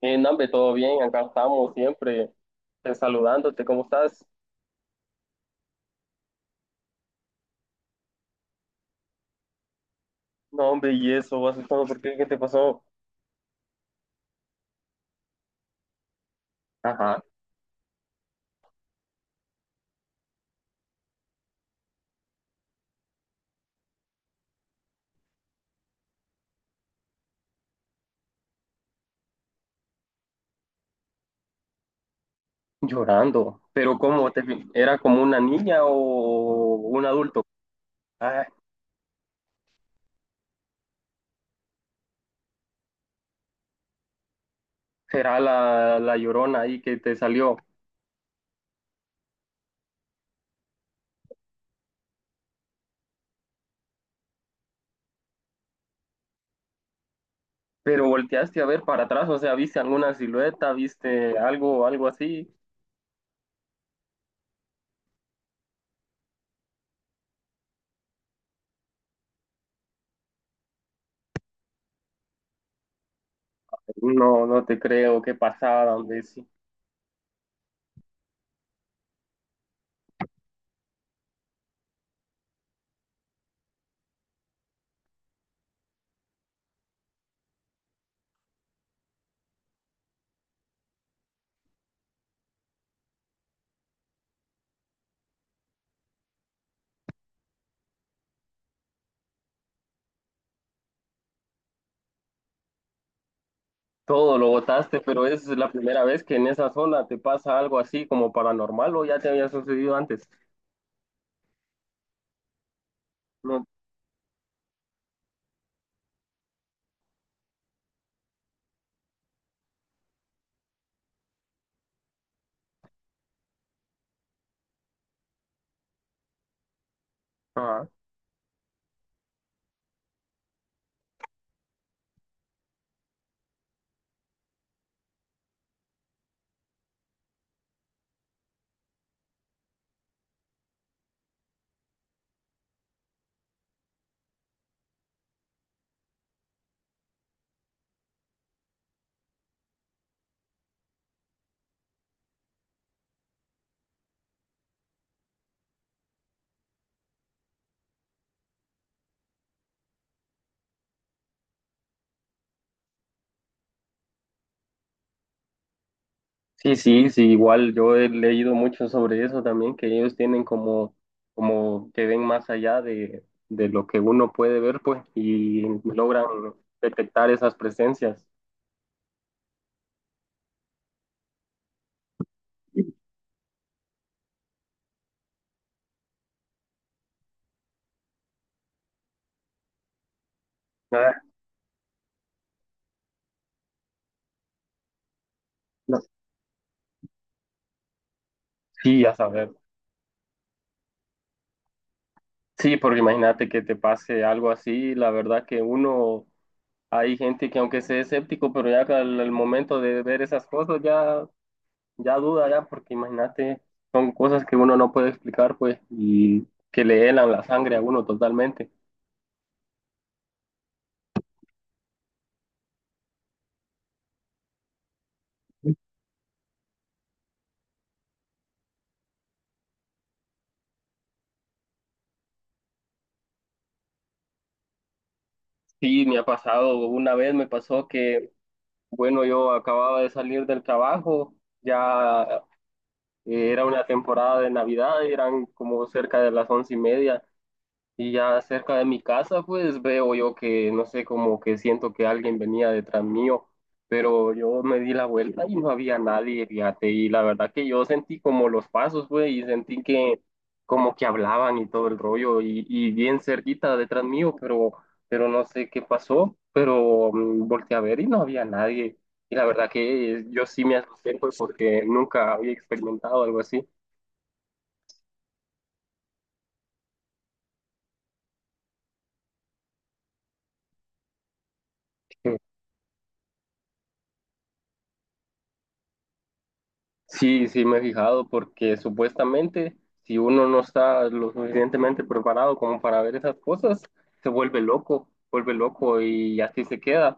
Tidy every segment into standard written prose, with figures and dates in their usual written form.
No, hombre, todo bien, acá estamos siempre saludándote, ¿cómo estás? No, hombre, y eso, vas todo, ¿por qué? ¿Qué te pasó? Ajá. Llorando, pero ¿cómo? Te, ¿era como una niña o un adulto? Ah, será la, la llorona ahí que te salió. Pero volteaste a ver para atrás, o sea, ¿viste alguna silueta? ¿Viste algo, así? No, no te creo, qué pasada, hombre, sí. Todo lo botaste, pero es la primera vez que en esa zona te pasa algo así como paranormal, o ya te había sucedido antes. No. Ah, sí, sí, sí, igual yo he leído mucho sobre eso también, que ellos tienen como, que ven más allá de lo que uno puede ver, pues, y logran detectar esas presencias. Ah, no. Sí, a saber. Sí, porque imagínate que te pase algo así, la verdad que uno, hay gente que aunque sea escéptico, pero ya que al momento de ver esas cosas ya ya duda, ya, porque imagínate, son cosas que uno no puede explicar, pues, y que le helan la sangre a uno totalmente. Sí, me ha pasado, una vez me pasó que, bueno, yo acababa de salir del trabajo, ya era una temporada de Navidad, eran como cerca de las 11:30. Y ya cerca de mi casa, pues veo yo que, no sé, como que siento que alguien venía detrás mío, pero yo me di la vuelta y no había nadie, fíjate, y la verdad que yo sentí como los pasos, pues, y sentí que como que hablaban y todo el rollo, y bien cerquita detrás mío, pero, no sé qué pasó, pero volteé a ver y no había nadie, y la verdad que yo sí me asusté, pues, porque nunca había experimentado algo así. Sí, sí, me he fijado porque supuestamente si uno no está lo suficientemente preparado como para ver esas cosas, se vuelve loco y así se queda.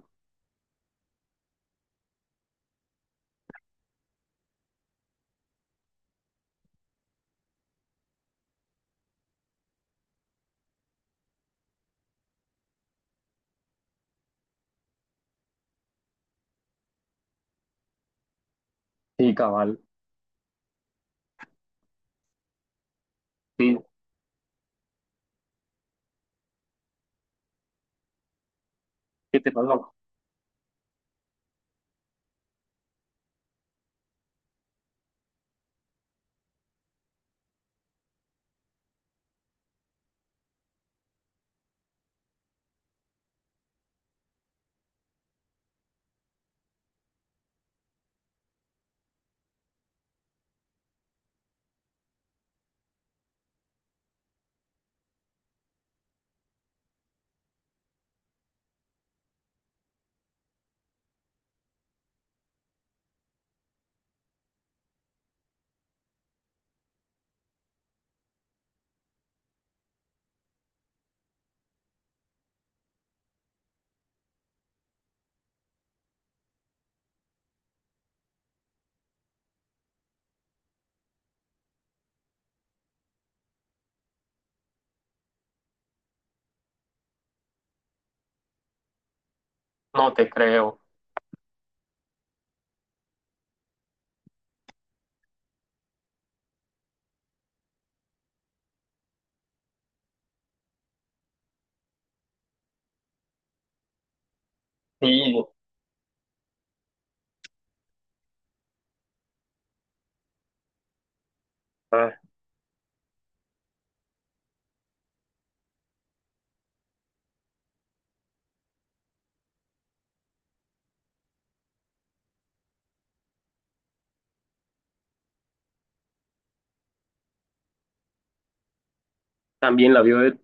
Sí, cabal, sí, ¿qué te pasó? No te creo. Sí, ah, también la vio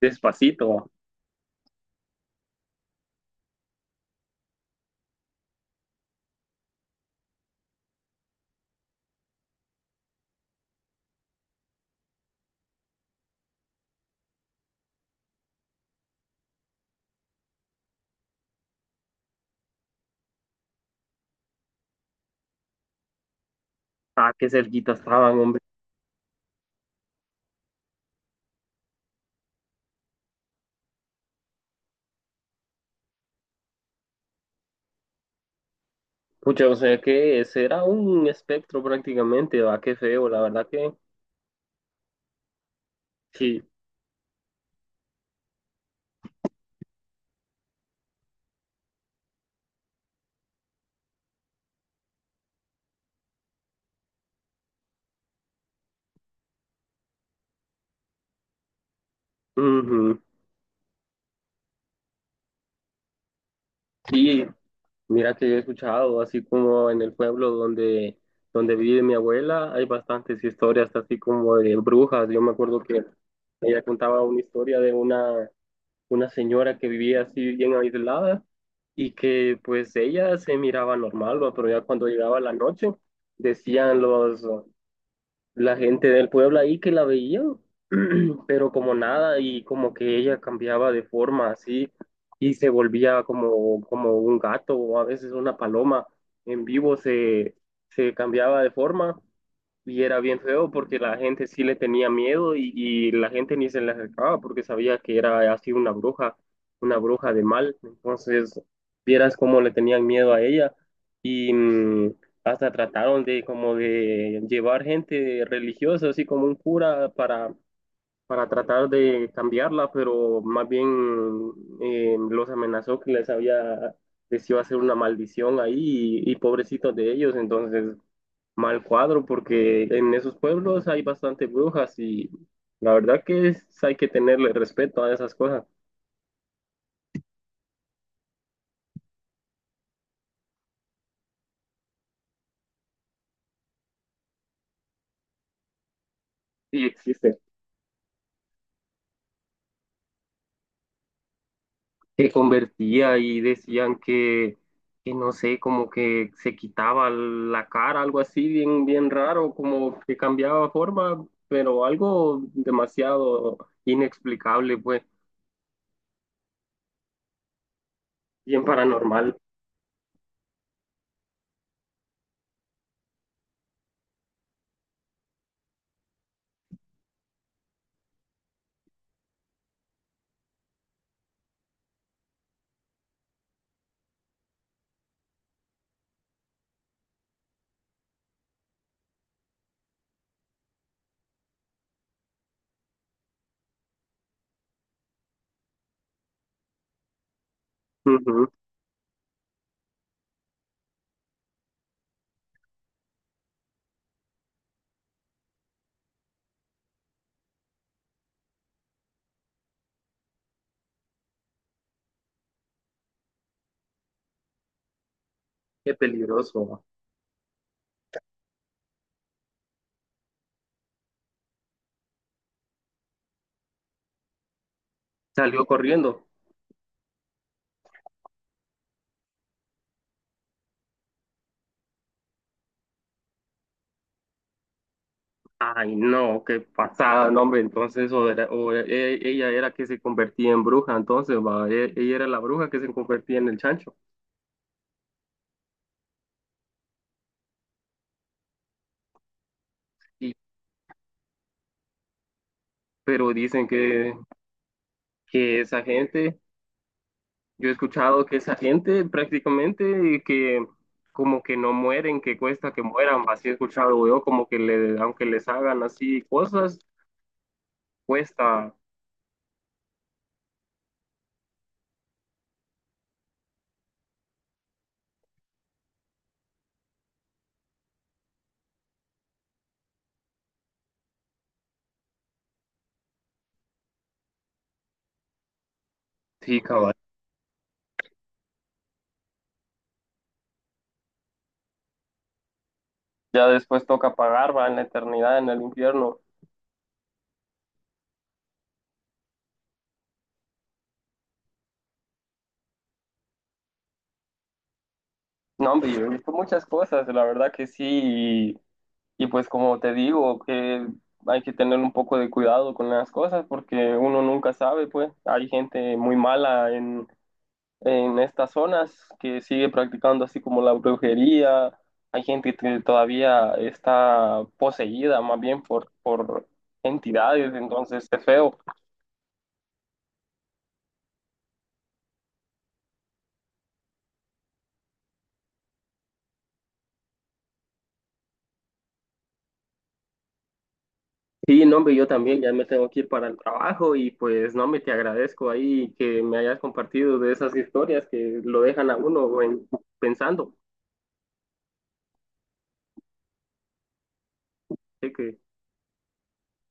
despacito. Ah, qué cerquita estaban, hombre. Pucha, o sea que ese era un espectro prácticamente, va, qué feo, la verdad que sí. Ujú. Sí, mira que yo he escuchado, así como en el pueblo donde, vive mi abuela, hay bastantes historias así como de brujas. Yo me acuerdo que ella contaba una historia de una señora que vivía así bien aislada y que pues ella se miraba normal, ¿va? Pero ya cuando llegaba la noche decían la gente del pueblo ahí que la veía, pero como nada y como que ella cambiaba de forma así y se volvía como, un gato o a veces una paloma en vivo se cambiaba de forma y era bien feo porque la gente sí le tenía miedo, y la gente ni se le acercaba porque sabía que era así una bruja de mal. Entonces, vieras cómo le tenían miedo a ella, y hasta trataron de como de llevar gente religiosa, así como un cura para, tratar de cambiarla, pero más bien los amenazó que les iba a hacer una maldición ahí, y pobrecitos de ellos. Entonces mal cuadro porque en esos pueblos hay bastante brujas y la verdad que hay que tenerle respeto a esas cosas. Sí existen. Se convertía y decían que no sé, como que se quitaba la cara, algo así bien, bien raro, como que cambiaba forma, pero algo demasiado inexplicable, pues, bien paranormal. Ujú. Qué peligroso. Salió corriendo. Ay, no, qué pasada, no, hombre. Entonces, ella era que se convertía en bruja, entonces, va, ella era la bruja que se convertía en el chancho. Y, pero dicen que esa gente, yo he escuchado que esa gente prácticamente que como que no mueren, que cuesta que mueran, va, así he escuchado yo, como que le, aunque les hagan así cosas, cuesta. Sí, cabal. Ya después toca pagar, va, en la eternidad, en el infierno. No, hombre, yo he visto muchas cosas, la verdad que sí. Y pues como te digo, que hay que tener un poco de cuidado con las cosas porque uno nunca sabe, pues hay gente muy mala en, estas zonas que sigue practicando así como la brujería, hay gente que todavía está poseída más bien por entidades, entonces es feo. Sí, no, hombre, yo también ya me tengo que ir para el trabajo y pues no, me te agradezco ahí que me hayas compartido de esas historias que lo dejan a uno pensando. Sé que